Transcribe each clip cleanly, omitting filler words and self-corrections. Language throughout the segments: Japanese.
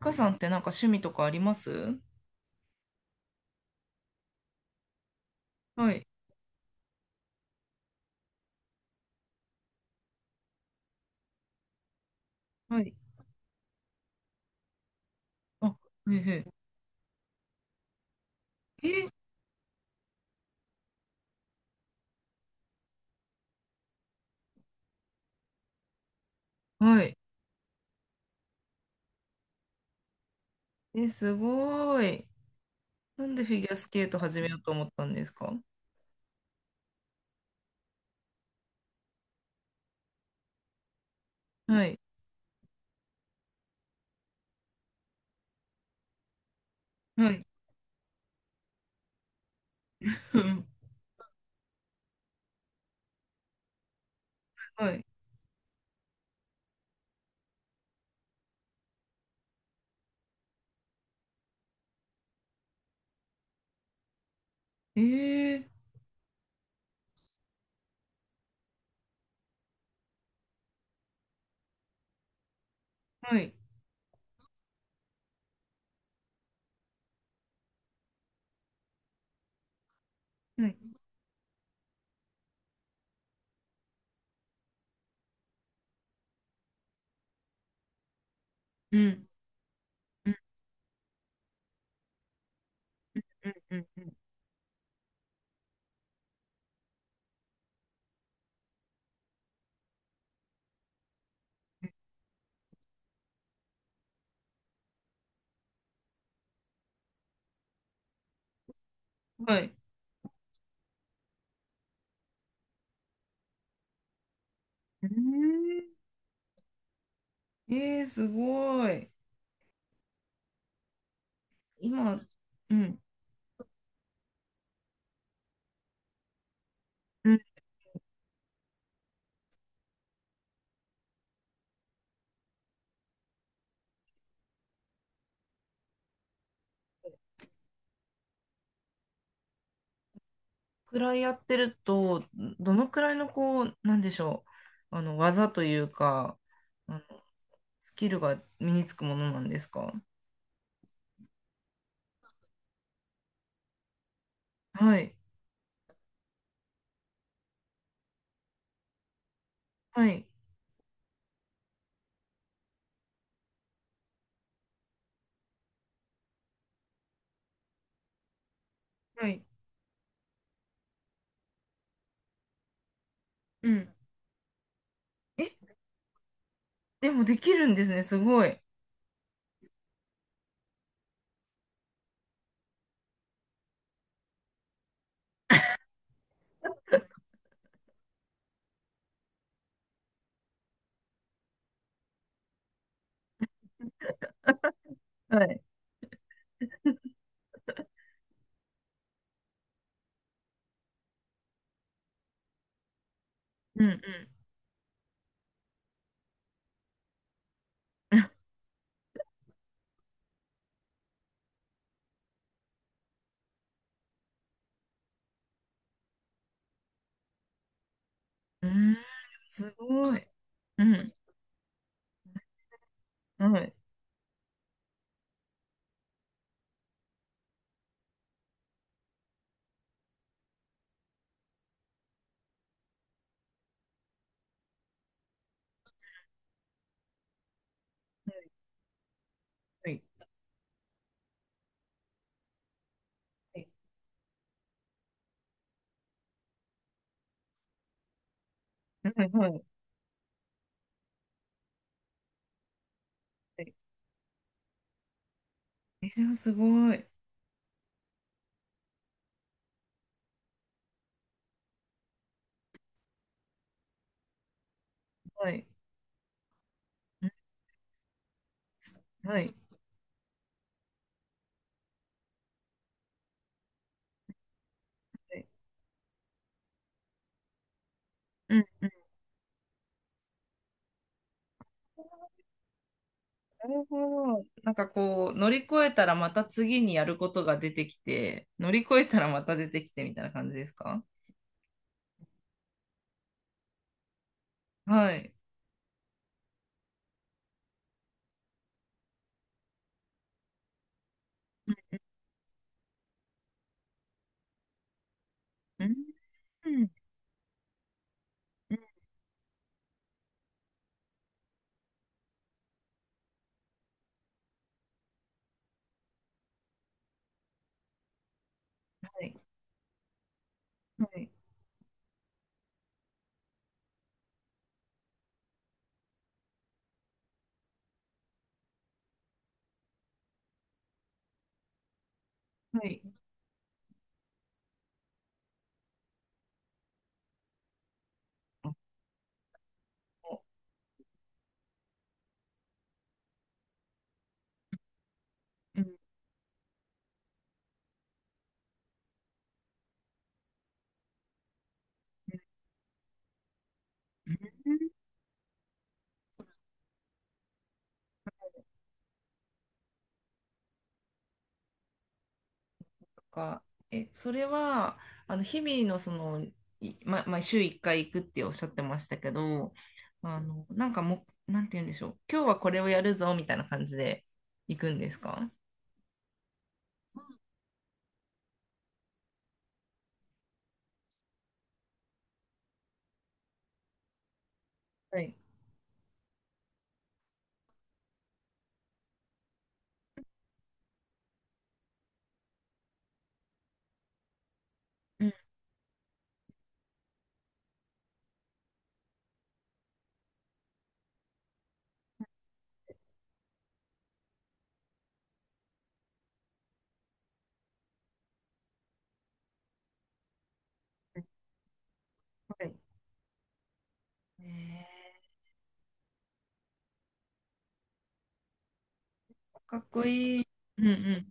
かさんってなんか趣味とかあります？はい。はい。あ、へえへえ。え、はい。え、すごい。なんでフィギュアスケート始めようと思ったんですか？はい。はい。うん。はい。ええ。はい。はい。うん。うん。うん。うん。はい。うーん。えー、すごい。今、うん。うん。くらいやってると、どのくらいのこう、なんでしょう。技というか、あのスキルが身につくものなんですか？はい。はい。はい。うん。え、でもできるんですね。すごい。はい。うんうん。うーん。すごい。うん。はい。はい。はい。はい。はいはい。え、でもすごい。はい。うん。はい。はい。うんうん。うーん。すごい。うん。はいはいはいはいはい。え、でもすごい。はい。うん。はいはい。うんうん。なるほど。なんかこう、乗り越えたらまた次にやることが出てきて、乗り越えたらまた出てきてみたいな感じですか？はい。うん。うん。うん。はい。はい。はい。うん、うんうん。とか、え、それは、日々のその、いま、まあ、週1回行くっておっしゃってましたけど、なんかもう、なんて言うんでしょう。今日はこれをやるぞ、みたいな感じで行くんですか？はい。うん、うん。はい。えー、かっこいい。うんう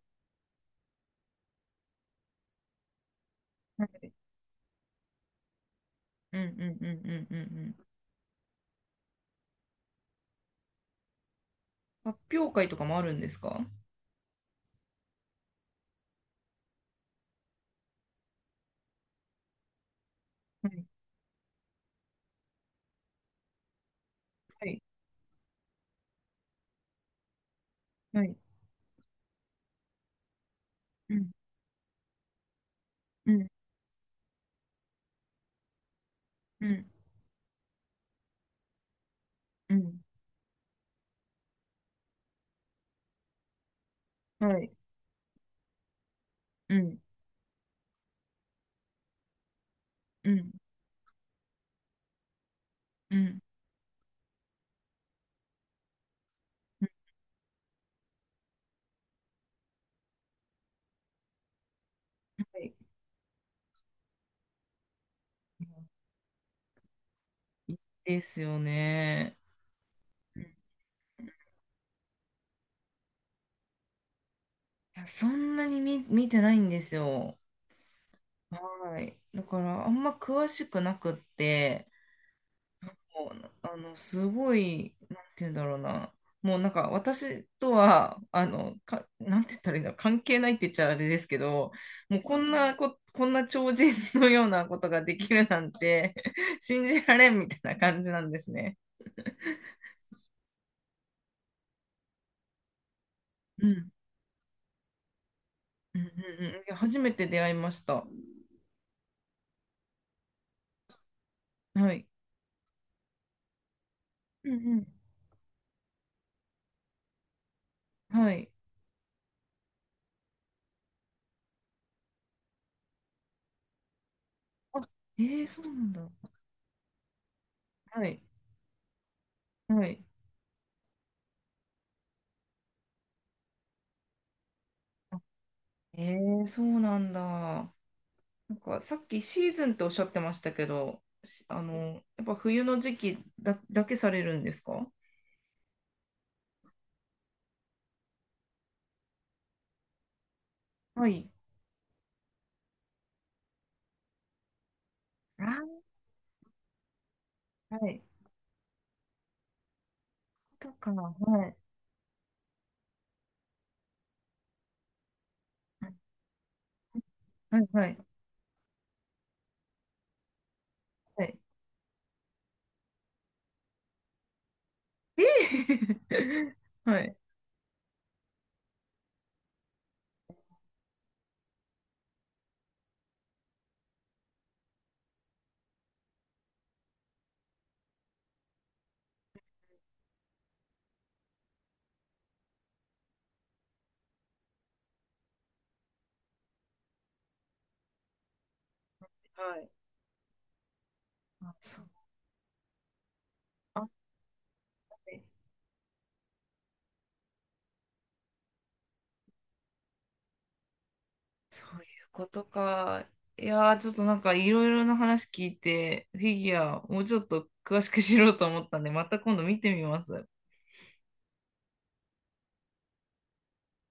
ん。はい。うんうんうんうんうんうん。発表会とかもあるんですか？はい。はい。はい。うんうんうんうん。はい。うんうんうんうん。はい。いいですよね。うん。いや、そんなに見、見てないんですよ。はい。だから、あんま詳しくなくって、そう、すごい、なんて言うんだろうな。もうなんか、私とは、なんて言ったらいいんだろう、関係ないって言っちゃあれですけど、もうこんな超人のようなことができるなんて 信じられんみたいな感じなんですね。うん。うんうんうん。いや、初めて出会いました。はい。うんうん。はい。あ、ええ、そうなんだ。はい。はい。あ、ええ、そうなんだ。なんかさっきシーズンっておっしゃってましたけど、やっぱ冬の時期だ、だけされるんですか？はい。あー、はい。とか、はい。はい、はい、はい。ええ はい。はい。あ、そう、あ、はい、そういうことか。いやー、ちょっとなんかいろいろな話聞いて、フィギュア、もうちょっと詳しく知ろうと思ったんで、また今度見てみます。